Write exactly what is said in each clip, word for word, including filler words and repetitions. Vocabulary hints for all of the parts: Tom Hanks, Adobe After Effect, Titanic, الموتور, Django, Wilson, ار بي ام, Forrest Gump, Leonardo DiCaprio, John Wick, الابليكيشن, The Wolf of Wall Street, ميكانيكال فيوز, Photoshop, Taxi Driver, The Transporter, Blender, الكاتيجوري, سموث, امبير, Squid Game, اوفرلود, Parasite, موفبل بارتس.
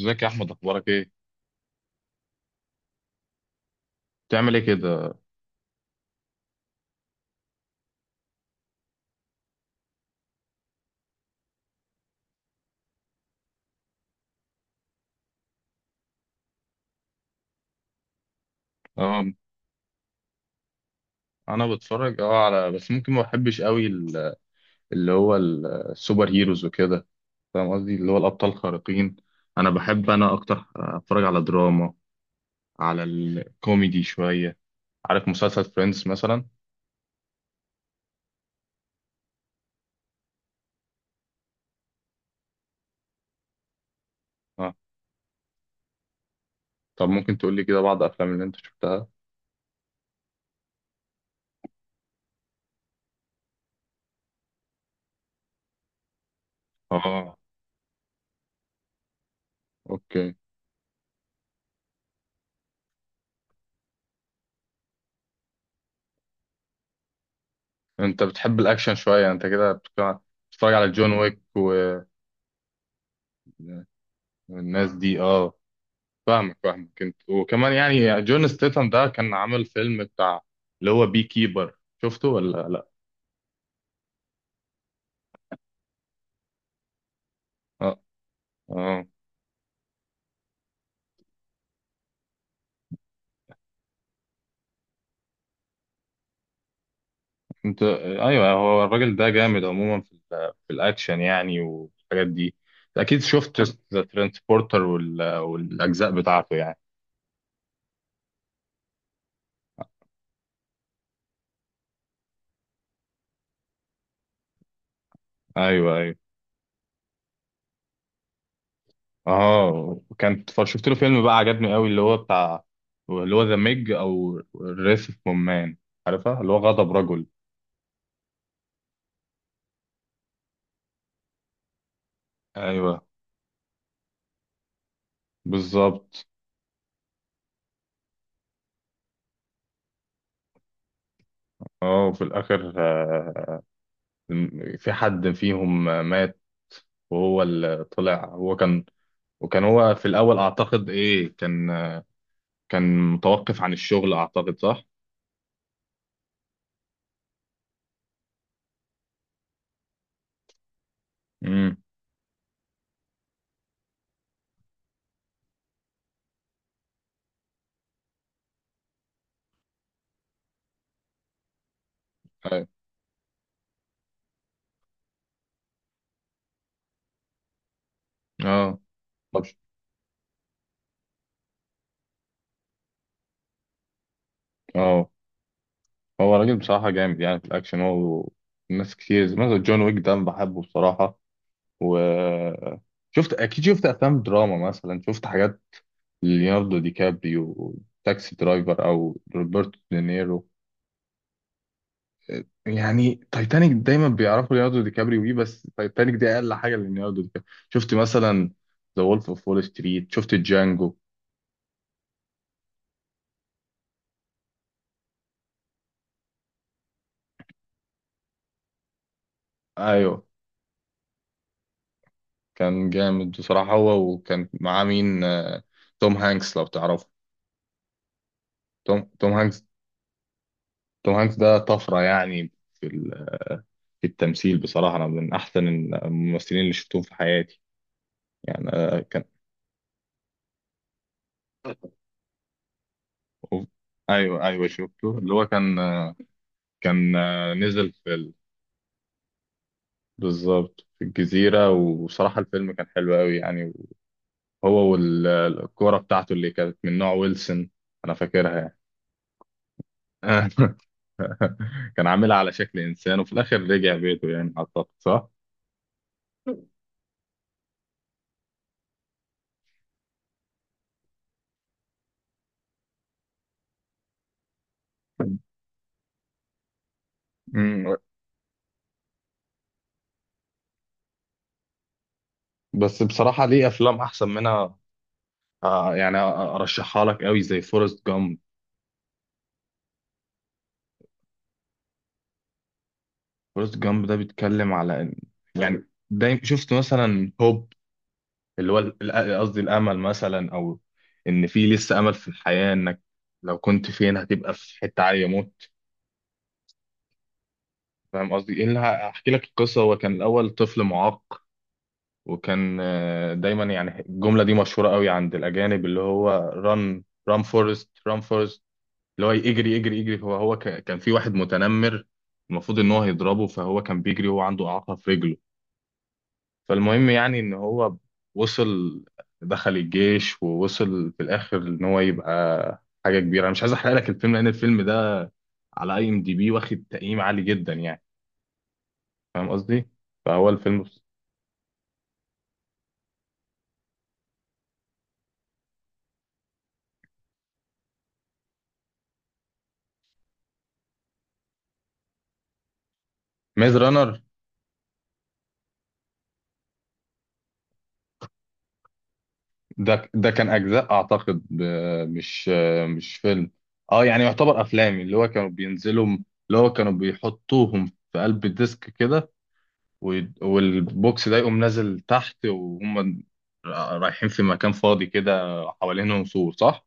ازيك يا احمد، اخبارك ايه؟ بتعمل ايه كده؟ اه، انا بتفرج اه على، بس ممكن ما بحبش قوي ال- اللي هو ال- السوبر هيروز وكده. فاهم قصدي؟ اللي هو الابطال الخارقين. انا بحب، انا اكتر آه، اتفرج على دراما، على الكوميدي شويه. عارف مسلسل فريندز مثلا؟ اه. طب ممكن تقول لي كده بعض الافلام اللي انت شفتها؟ اه. اوكي. انت بتحب الاكشن شويه، انت كده بتتفرج على جون ويك و- والناس دي، اه. فاهمك، فاهمك، انت وكمان يعني جون ستيتم ده كان عامل فيلم بتاع اللي هو بي كيبر. شفته ولا لا؟ اه، اه. انت، ايوه، هو الراجل ده جامد عموما في ال- في الاكشن يعني والحاجات دي. اكيد شفت ذا ترانسبورتر والاجزاء بتاعته يعني. ايوه، ايوه. اه، كانت ف- شفت له فيلم بقى عجبني قوي اللي هو بتاع اللي هو ذا ميج او الريس اوف مومان. عارفها؟ اللي هو غضب رجل. ايوه، بالظبط. اه، وفي الاخر آه، في حد فيهم مات، وهو اللي طلع هو كان. وكان هو في الأول، أعتقد إيه كان، كان متوقف عن الشغل، أعتقد؟ صح؟ امم. اه. طب، اه هو راجل بصراحة جامد يعني في الأكشن، هو ناس كتير زي مثلا جون ويك ده أنا بحبه بصراحة. و، شفت، أكيد شفت أفلام دراما، مثلا شفت حاجات ليوناردو دي كابريو، تاكسي درايفر، أو روبرتو دينيرو. يعني تايتانيك دايما بيعرفوا ليوناردو دي كابريو بيه، بس تايتانيك دي اقل حاجه لليوناردو دي كابريو. شفت مثلا ذا وولف اوف وول ستريت؟ شفت جانجو؟ ايوه، كان جامد بصراحه، هو وكان معاه مين آه، توم هانكس، لو تعرفه؟ توم توم هانكس. توم هانكس ده طفره يعني في ال- في التمثيل، بصراحه انا من احسن الممثلين اللي شفتهم في حياتي. يعني آه، كان. أوف. ايوه، ايوه، شفته اللي هو كان آه، كان آه، نزل في، بالظبط، في الجزيرة. وصراحة الفيلم كان حلو قوي يعني، هو والكورة بتاعته اللي كانت من نوع ويلسون. أنا فاكرها يعني. كان عاملها على شكل إنسان، وفي الآخر رجع بيته يعني، أعتقد؟ صح؟ مم. بس بصراحة ليه أفلام أحسن منها. آه، يعني أرشحها لك قوي زي فورست جامب. فورست جامب ده بيتكلم على إن- يعني دايما، شفت مثلا هوب، اللي هو ال- ال- قصدي الامل مثلا، او ان في لسه امل في الحياه، انك لو كنت فين هتبقى في حته عاليه موت. فاهم قصدي؟ ايه اللي ه- هحكي لك القصه. هو كان الاول طفل معاق، وكان آه، دايما، يعني الجمله دي مشهوره قوي عند الاجانب اللي هو: ران، ران فورست، ران فورست، اللي هو يجري يجري يجري. هو هو ك- كان في واحد متنمر، المفروض ان هو هيضربه، فهو كان بيجري وهو عنده اعاقه في رجله. فالمهم يعني ان هو وصل، دخل الجيش، ووصل في الاخر ان هو يبقى حاجه كبيره. انا مش عايز احرق لك الفيلم لان الفيلم ده على اي ام دي بي واخد تقييم عالي جدا يعني. فاهم قصدي؟ فهو الفيلم، ميز رانر ده ده كان اجزاء، اعتقد ب- مش مش فيلم. اه، يعني يعتبر افلام اللي هو كانوا بينزلوا، اللي هو كانوا بيحطوهم في قلب الديسك كده، وي- والبوكس ده يقوم نازل تحت، وهم رايحين في مكان فاضي كده، حوالينهم سور، صح؟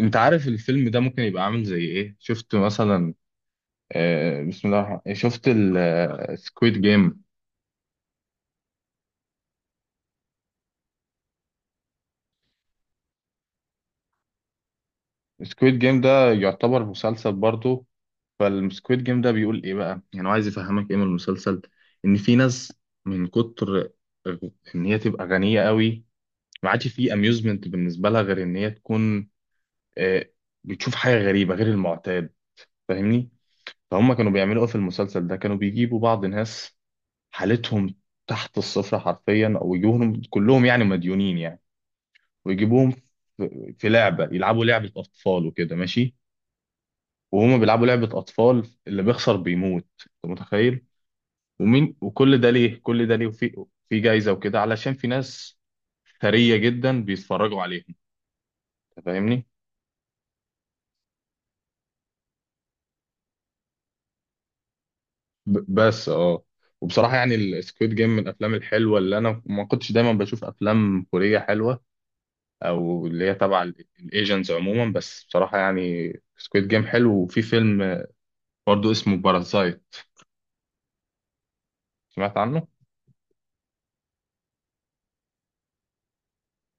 انت عارف الفيلم ده ممكن يبقى عامل زي ايه؟ شفت مثلا آه، بسم الله الرحمن الرحيم، شفت السكويد جيم؟ السكويد جيم ده يعتبر مسلسل برضه. فالسكويد جيم ده بيقول ايه بقى؟ يعني هو عايز يفهمك ايه من المسلسل؟ ان في ناس من كتر ان هي تبقى غنية قوي، ما عادش في اميوزمنت بالنسبة لها غير ان هي تكون آه، بتشوف حاجة غريبة غير المعتاد. فاهمني؟ فهم كانوا بيعملوا ايه في المسلسل ده؟ كانوا بيجيبوا بعض ناس حالتهم تحت الصفر حرفيا، او يجيبوهم كلهم يعني مديونين يعني، ويجيبوهم في في لعبه، يلعبوا لعبه اطفال وكده، ماشي. وهما بيلعبوا لعبه اطفال، اللي بيخسر بيموت. انت متخيل؟ ومين، وكل ده ليه، كل ده ليه، وفي في جايزه وكده، علشان في ناس ثريه جدا بيتفرجوا عليهم. انت فاهمني؟ ب- بس اه. وبصراحه يعني السكويد جيم من الافلام الحلوه. اللي انا ما كنتش دايما بشوف افلام كوريه حلوه، او اللي هي تبع الايجنتس عموما، بس بصراحه يعني سكويد جيم حلو. وفي فيلم برضو اسمه باراسايت، سمعت عنه؟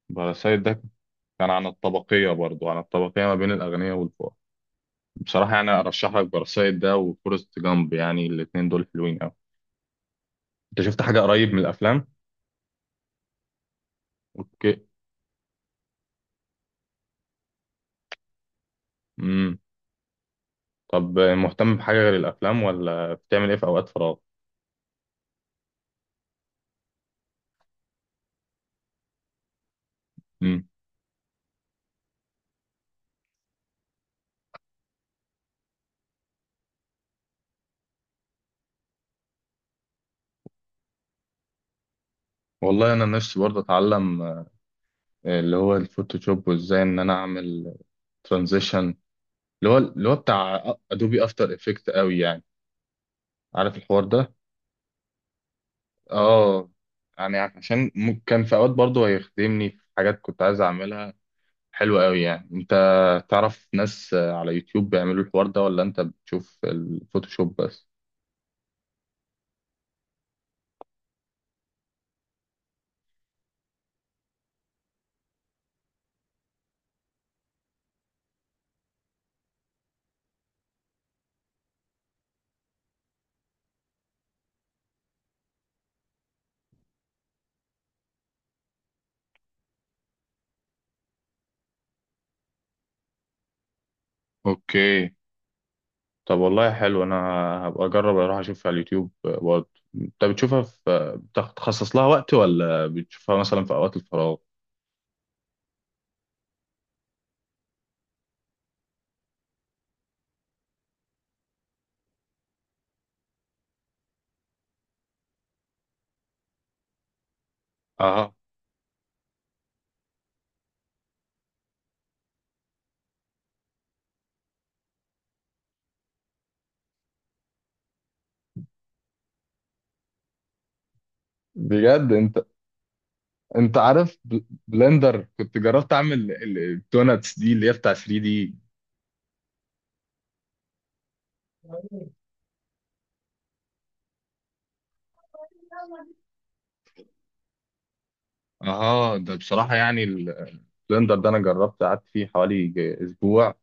باراسايت ده كان عن الطبقيه، برضو عن الطبقيه ما بين الاغنياء والفقراء. بصراحه يعني ارشح لك باراسايت ده وفورست جامب، يعني الاتنين دول حلوين قوي. انت شفت حاجه قريب من الافلام؟ اوكي. امم. طب، مهتم بحاجه غير الافلام، ولا بتعمل ايه في اوقات فراغ؟ امم. والله انا نفسي برضه اتعلم آه، اللي هو الفوتوشوب، وازاي ان انا اعمل ترانزيشن، اللي هو اللي هو بتاع ادوبي افتر افكت قوي يعني. عارف الحوار ده؟ اه، يعني عشان م- كان في اوقات برضه هيخدمني في حاجات كنت عايز اعملها، حلوة قوي يعني. انت تعرف ناس على يوتيوب بيعملوا الحوار ده، ولا انت بتشوف الفوتوشوب بس؟ اوكي، طب والله حلو. انا هبقى اجرب اروح اشوفها على اليوتيوب برضه. انت بتشوفها في بتخصص لها وقت، ولا بتشوفها مثلا في اوقات الفراغ؟ اه، بجد. انت انت عارف بل- بلندر، كنت جربت اعمل ال- الدوناتس دي اللي هي بتاع ثري دي. اها، ده بصراحه يعني ال- البلندر ده، انا جربت قعدت فيه حوالي ج- اسبوع،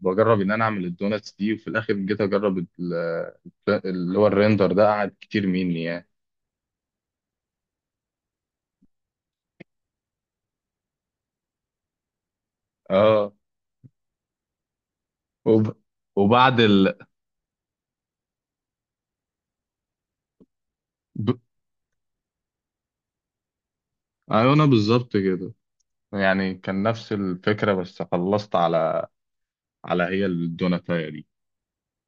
بجرب ان انا اعمل الدوناتس دي، وفي الاخر جيت اجرب ال- اللي هو الريندر ده قعد كتير مني يعني. اه. وب... وبعد ال ب... ايوه، انا بالظبط كده. يعني كان نفس الفكره، بس خلصت على على هي الدوناتايه دي.